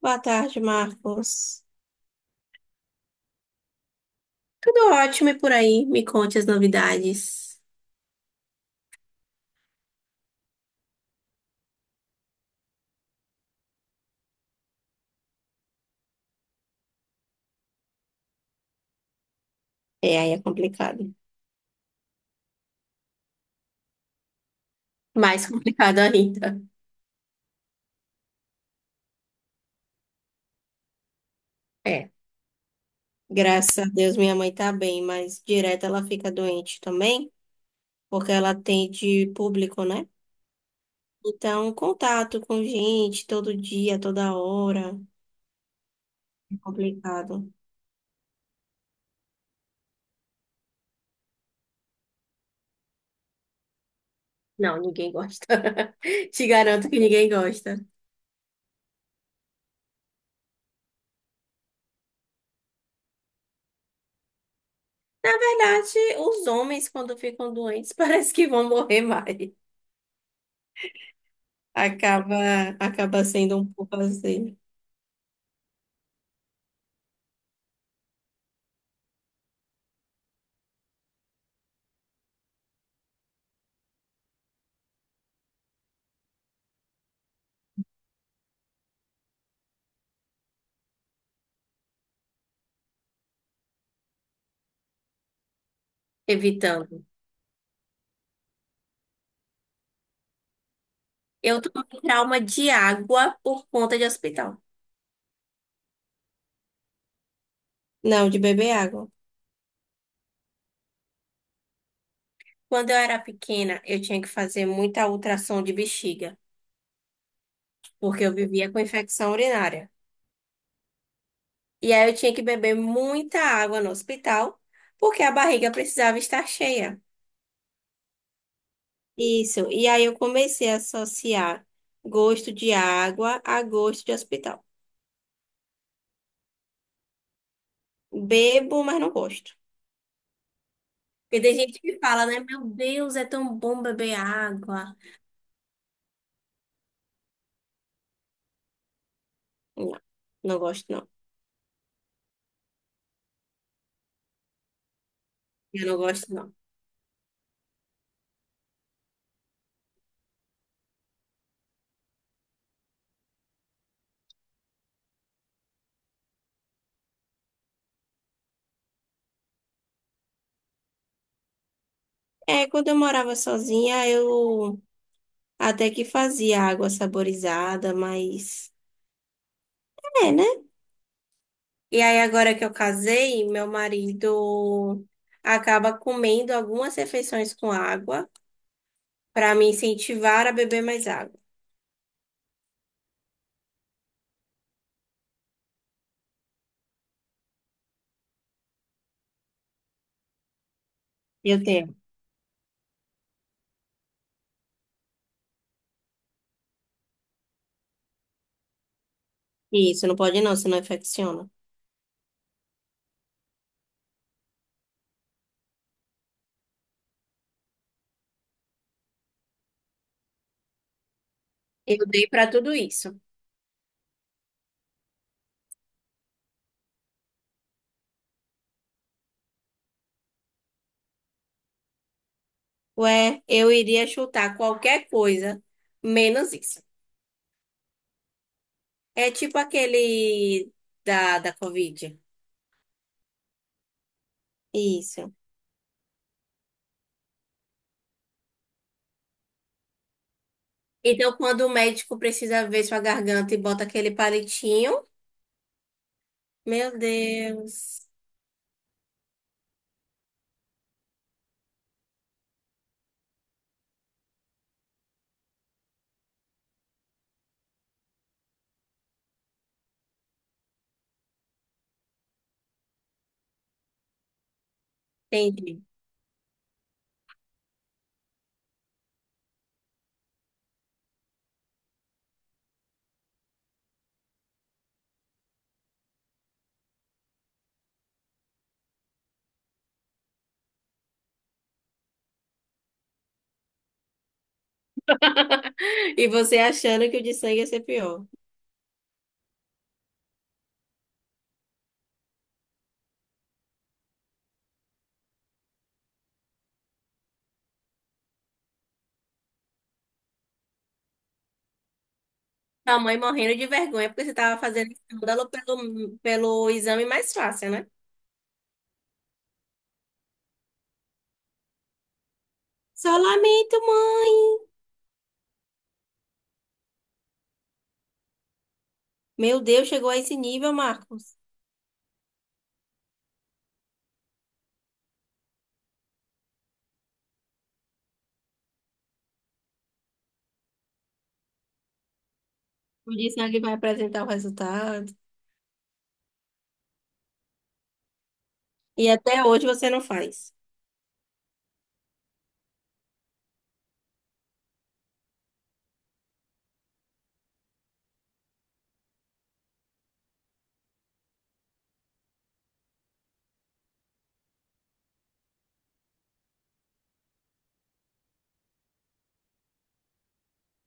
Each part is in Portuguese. Boa tarde, Marcos. Tudo ótimo. E por aí, me conte as novidades. É, aí é complicado. Mais complicado ainda. É. Graças a Deus minha mãe tá bem, mas direto ela fica doente também, porque ela atende público, né? Então, contato com gente todo dia, toda hora, é complicado. Não, ninguém gosta. Te garanto que ninguém gosta. Na verdade, os homens, quando ficam doentes, parece que vão morrer mais. Acaba, acaba sendo um pouco assim, evitando. Eu tô com trauma de água por conta de hospital. Não, de beber água. Quando eu era pequena, eu tinha que fazer muita ultrassom de bexiga, porque eu vivia com infecção urinária. E aí eu tinha que beber muita água no hospital, porque a barriga precisava estar cheia. Isso. E aí eu comecei a associar gosto de água a gosto de hospital. Bebo, mas não gosto. Porque tem gente que fala, né? Meu Deus, é tão bom beber água. Não, não gosto, não. Eu não gosto, não. É, quando eu morava sozinha, eu até que fazia água saborizada, mas. É, né? E aí, agora que eu casei, meu marido acaba comendo algumas refeições com água para me incentivar a beber mais água. Eu tenho. Isso, não pode não, senão infecciona. Eu dei para tudo isso. Ué, eu iria chutar qualquer coisa, menos isso. É tipo aquele da Covid. Isso. Então, quando o médico precisa ver sua garganta e bota aquele palitinho, meu Deus. Entendi. E você achando que o de sangue ia ser pior. Sua mãe morrendo de vergonha porque você tava fazendo escândalo pelo exame mais fácil, né? Só lamento, mãe. Meu Deus, chegou a esse nível, Marcos. O de sangue vai apresentar o resultado. E até hoje você não faz.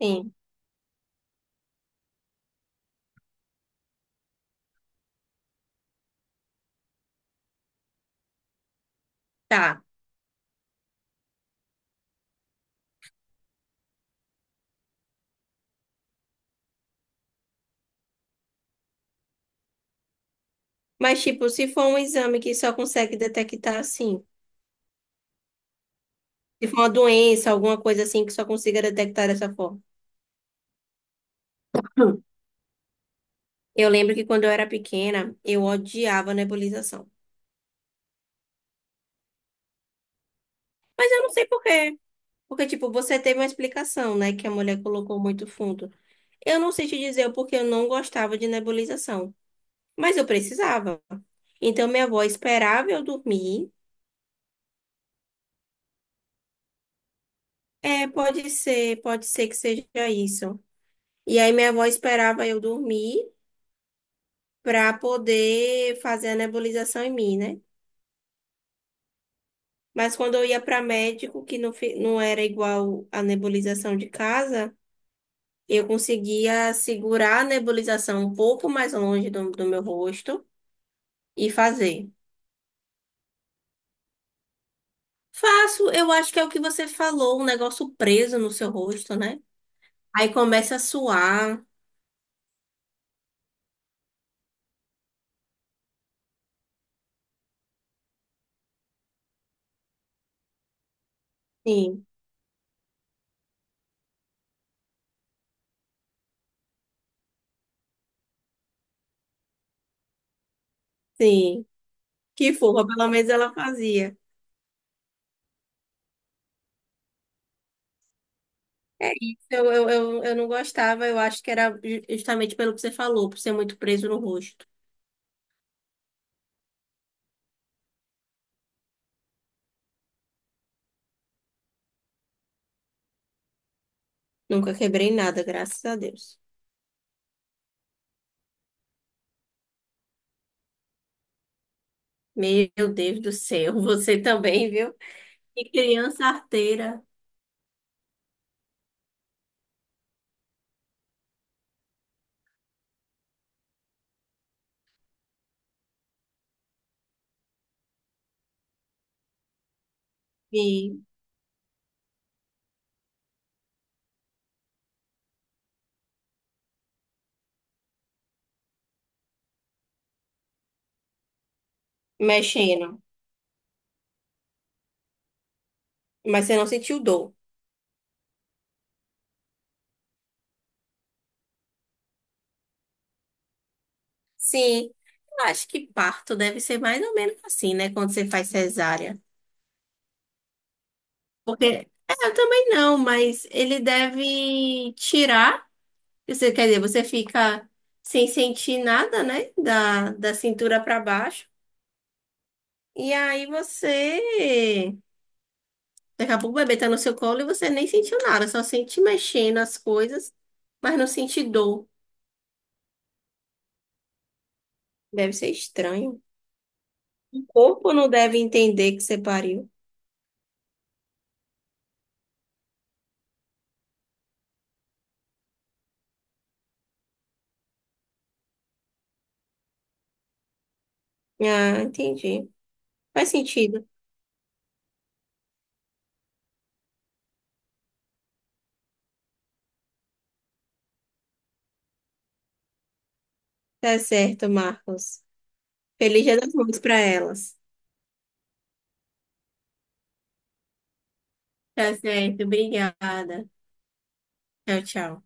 Sim. Tá. Mas, tipo, se for um exame que só consegue detectar assim, se for uma doença, alguma coisa assim que só consiga detectar dessa forma. Hum. Eu lembro que quando eu era pequena, eu odiava nebulização. Mas eu não sei por quê. Porque, tipo, você teve uma explicação, né? Que a mulher colocou muito fundo. Eu não sei te dizer o porquê eu não gostava de nebulização. Mas eu precisava. Então, minha avó esperava eu dormir. É, pode ser que seja isso. E aí, minha avó esperava eu dormir para poder fazer a nebulização em mim, né? Mas quando eu ia para médico, que não, não era igual a nebulização de casa, eu conseguia segurar a nebulização um pouco mais longe do meu rosto e fazer. Faço, eu acho que é o que você falou, um negócio preso no seu rosto, né? Aí começa a suar. Sim, sim. Que fofa, pelo menos ela fazia. É isso, eu não gostava, eu acho que era justamente pelo que você falou, por ser muito preso no rosto. Nunca quebrei nada, graças a Deus. Meu Deus do céu, você também, viu? E criança arteira e mexendo. Mas você não sentiu dor? Sim, eu acho que parto deve ser mais ou menos assim, né? Quando você faz cesárea. Porque é, eu também não, mas ele deve tirar. Você, quer dizer, você fica sem sentir nada, né? Da cintura para baixo. E aí você, daqui a pouco o bebê tá no seu colo e você nem sentiu nada, só sente mexendo as coisas, mas não sente dor. Deve ser estranho. O corpo não deve entender que você pariu. Ah, entendi. Faz sentido. Tá certo, Marcos. Feliz Dia das Mães pra elas. Tá certo, obrigada. Tchau, tchau.